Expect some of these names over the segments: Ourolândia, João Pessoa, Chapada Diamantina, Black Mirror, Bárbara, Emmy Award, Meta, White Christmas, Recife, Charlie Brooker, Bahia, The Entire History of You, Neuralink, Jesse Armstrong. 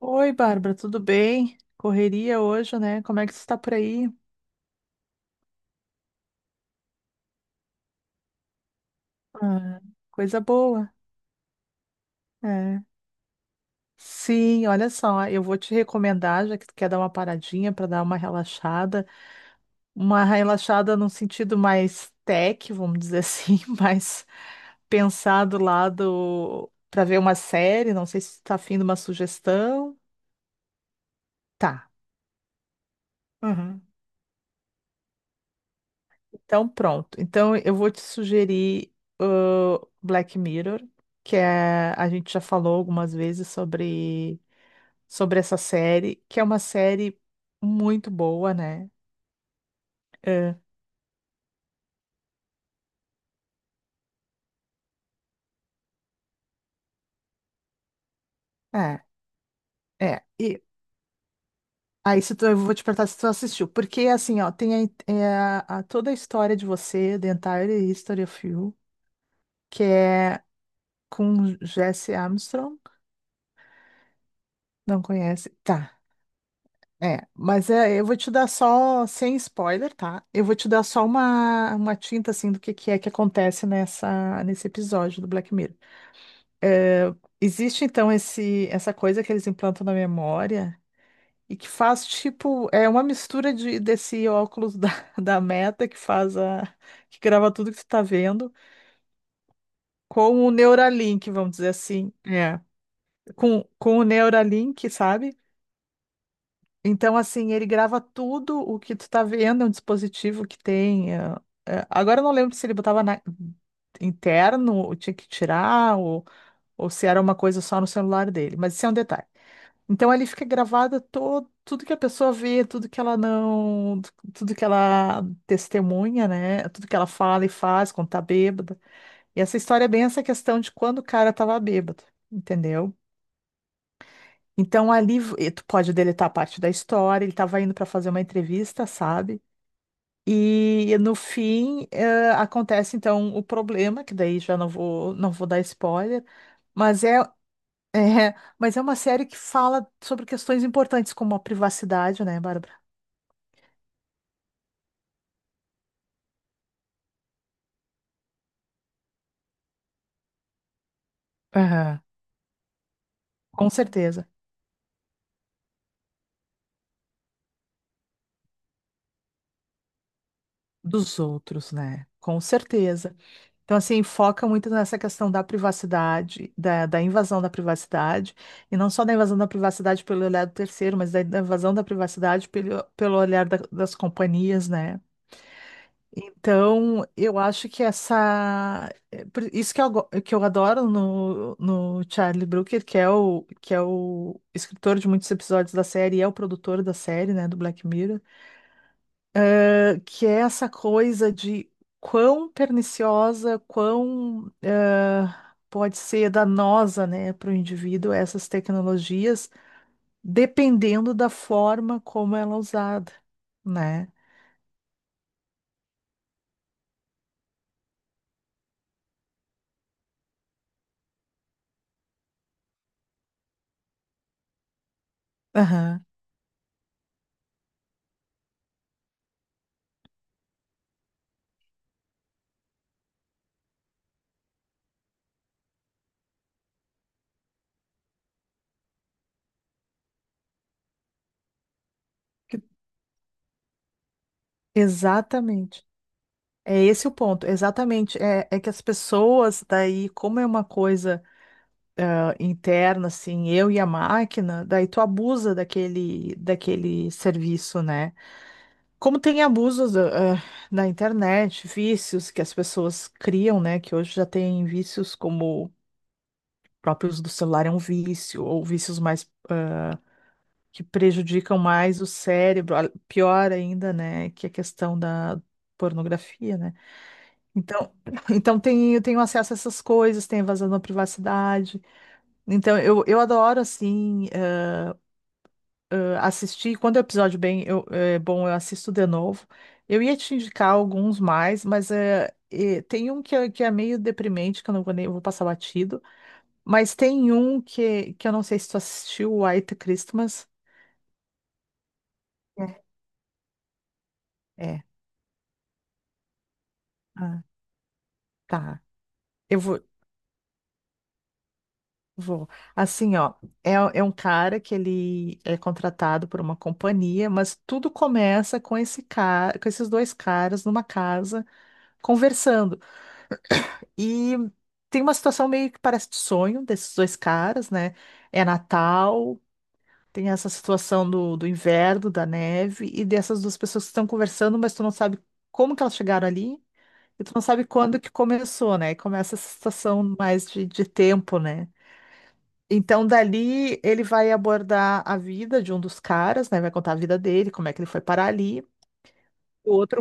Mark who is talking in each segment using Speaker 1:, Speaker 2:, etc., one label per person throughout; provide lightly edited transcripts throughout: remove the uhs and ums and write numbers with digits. Speaker 1: Oi, Bárbara, tudo bem? Correria hoje, né? Como é que você está por aí? Ah, coisa boa. É. Sim, olha só, eu vou te recomendar, já que tu quer dar uma paradinha para dar uma relaxada num sentido mais tech, vamos dizer assim, mais pensar do lado para ver uma série, não sei se tu tá afim de uma sugestão. Tá. Uhum. Então, pronto. Então, eu vou te sugerir o Black Mirror, que é, a gente já falou algumas vezes sobre essa série, que é uma série muito boa, né? É, é. É. E aí, se tu, eu vou te perguntar se tu assistiu, porque assim, ó, tem a, toda a história de você, The Entire History of You, que é com Jesse Armstrong. Não conhece? Tá. É, mas é, eu vou te dar só, sem spoiler, tá? Eu vou te dar só uma tinta, assim, do que é que acontece nesse episódio do Black Mirror. É, existe, então, essa coisa que eles implantam na memória e que faz, tipo, é uma mistura de, desse óculos da, da Meta que faz a... que grava tudo que tu tá vendo com o Neuralink, vamos dizer assim. É. Com o Neuralink, sabe? Então, assim, ele grava tudo o que tu tá vendo, é um dispositivo que tem. Agora eu não lembro se ele botava na- interno, ou tinha que tirar, ou se era uma coisa só no celular dele, mas isso é um detalhe. Então ali fica gravada todo, tudo que a pessoa vê, tudo que ela não, tudo que ela testemunha, né? Tudo que ela fala e faz quando tá bêbada. E essa história é bem essa questão de quando o cara tava bêbado, entendeu? Então ali tu pode deletar parte da história, ele estava indo para fazer uma entrevista, sabe? E no fim acontece então o problema, que daí já não vou não vou dar spoiler, mas é, é, mas é uma série que fala sobre questões importantes como a privacidade, né, Bárbara? Aham. Com certeza. Dos outros, né? Com certeza. Então, assim, foca muito nessa questão da privacidade, da invasão da privacidade, e não só da invasão da privacidade pelo olhar do terceiro, mas da invasão da privacidade pelo olhar das companhias, né? Então, eu acho que essa. É por isso que eu, que eu adoro no Charlie Brooker, que é o escritor de muitos episódios da série e é o produtor da série, né, do Black Mirror, que é essa coisa de quão perniciosa, quão pode ser danosa, né, para o indivíduo essas tecnologias, dependendo da forma como ela é usada, né? Aham. Que- Exatamente. É esse o ponto, exatamente. É, é que as pessoas, daí, como é uma coisa interna, assim, eu e a máquina, daí tu abusa daquele, daquele serviço, né? Como tem abusos na internet, vícios que as pessoas criam, né? Que hoje já tem vícios como próprios do celular é um vício, ou vícios mais que prejudicam mais o cérebro, pior ainda, né? Que a questão da pornografia, né? Então, então tem, eu tenho acesso a essas coisas, tem invasão na privacidade. Então, eu adoro, assim. Assisti, quando o episódio bem, é bom, eu assisto de novo. Eu ia te indicar alguns mais, tem um que é meio deprimente, que eu não vou nem eu vou passar batido. Mas tem um que eu não sei se tu assistiu, o White Christmas. É. É, ah, tá. Eu vou, vou. Assim, ó, é, é um cara que ele é contratado por uma companhia, mas tudo começa com esse cara, com esses dois caras numa casa conversando. E tem uma situação meio que parece de sonho desses dois caras, né? É Natal, tem essa situação do inverno, da neve, e dessas duas pessoas que estão conversando, mas tu não sabe como que elas chegaram ali, e tu não sabe quando que começou, né? E começa essa situação mais de tempo, né? Então, dali, ele vai abordar a vida de um dos caras, né? Vai contar a vida dele, como é que ele foi parar ali. O outro,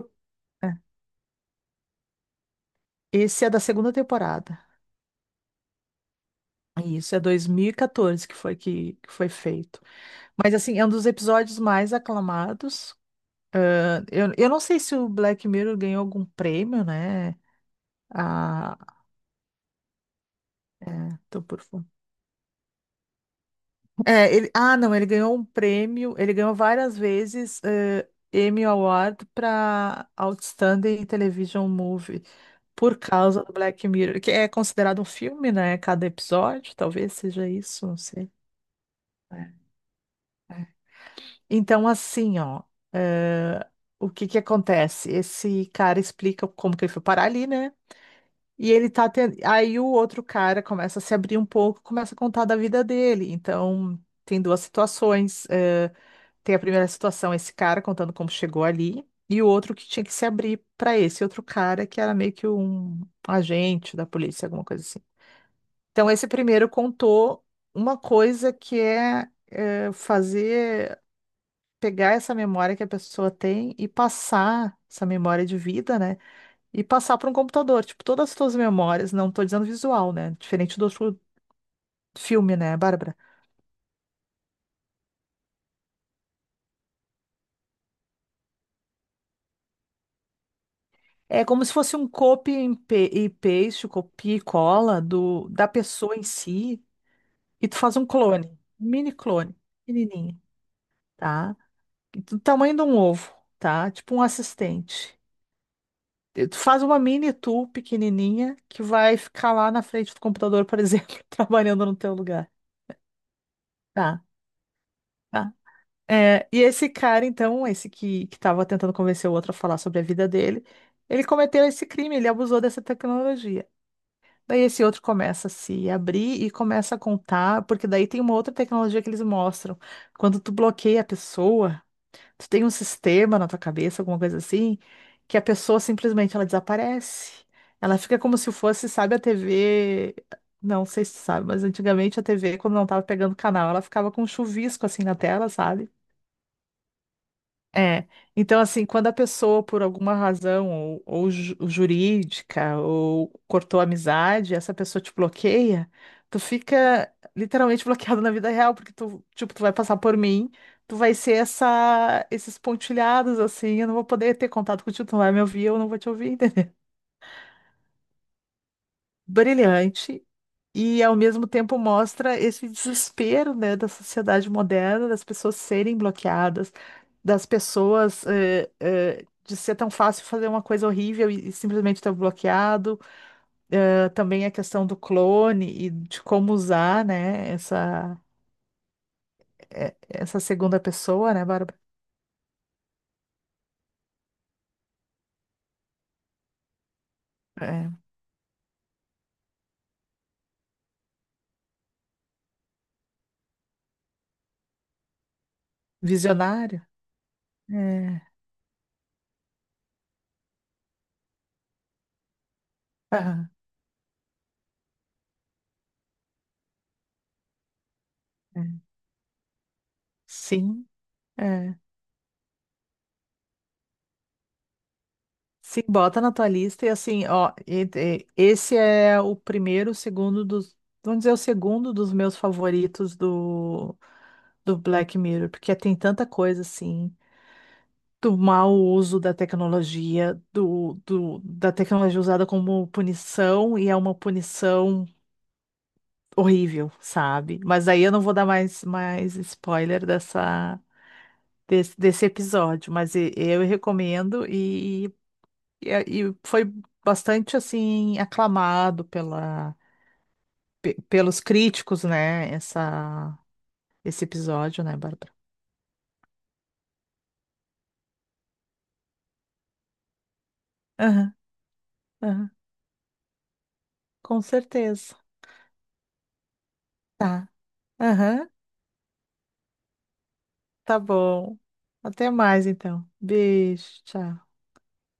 Speaker 1: é. Esse é da segunda temporada. Isso, é 2014 que foi que foi feito. Mas assim, é um dos episódios mais aclamados. Ah, eu não sei se o Black Mirror ganhou algum prêmio, né? Ah, tô por fora. É, ele, ah, não, ele ganhou um prêmio, ele ganhou várias vezes Emmy Award para Outstanding Television Movie por causa do Black Mirror, que é considerado um filme, né? Cada episódio, talvez seja isso, não sei. É, é. Então, assim, ó, eh, o que que acontece? Esse cara explica como que ele foi parar ali, né? E ele tá tendo. Aí o outro cara começa a se abrir um pouco, começa a contar da vida dele. Então, tem duas situações. Tem a primeira situação, esse cara contando como chegou ali, e o outro que tinha que se abrir para esse outro cara, que era meio que um agente da polícia, alguma coisa assim. Então, esse primeiro contou uma coisa que é, fazer. Pegar essa memória que a pessoa tem e passar essa memória de vida, né? E passar para um computador. Tipo, todas as tuas memórias, não tô dizendo visual, né? Diferente do outro filme, né, Bárbara? É como se fosse um copy and pe- e paste, copia e cola do, da pessoa em si, e tu faz um clone, um mini clone, pequenininho, tá? Do tamanho de um ovo, tá? Tipo um assistente. E tu faz uma mini tu pequenininha que vai ficar lá na frente do computador, por exemplo, trabalhando no teu lugar. Tá? Tá? É, e esse cara, então, que tava tentando convencer o outro a falar sobre a vida dele, ele cometeu esse crime, ele abusou dessa tecnologia. Daí esse outro começa a se abrir e começa a contar, porque daí tem uma outra tecnologia que eles mostram. Quando tu bloqueia a pessoa, tu tem um sistema na tua cabeça, alguma coisa assim, que a pessoa simplesmente ela desaparece. Ela fica como se fosse, sabe, a TV. Não sei se tu sabe, mas antigamente a TV, quando não tava pegando canal, ela ficava com um chuvisco assim na tela, sabe? É, então assim, quando a pessoa, por alguma razão, ou jurídica, ou cortou a amizade, essa pessoa te bloqueia, tu fica literalmente bloqueado na vida real, porque tu, tipo, tu vai passar por mim, tu vai ser esses pontilhados, assim, eu não vou poder ter contato contigo, tu não vai me ouvir, eu não vou te ouvir, entendeu? Brilhante e ao mesmo tempo mostra esse desespero, né, da sociedade moderna, das pessoas serem bloqueadas, das pessoas de ser tão fácil fazer uma coisa horrível e simplesmente estar bloqueado. Também a questão do clone e de como usar, né, essa, essa segunda pessoa, né, Bárbara? É, visionário. É, aham, é, sim. É. Sim, bota na tua lista e assim, ó, esse é o primeiro, o segundo dos, vamos dizer, o segundo dos meus favoritos do, do Black Mirror, porque tem tanta coisa assim, do mau uso da tecnologia, da tecnologia usada como punição, e é uma punição horrível, sabe? Mas aí eu não vou dar mais spoiler dessa, desse episódio, mas eu recomendo. E, e foi bastante assim aclamado pela, pelos críticos, né? Essa, esse episódio, né, Bárbara? Aham, aham, com certeza. Tá. Aham, tá bom. Até mais então. Beijo, tchau.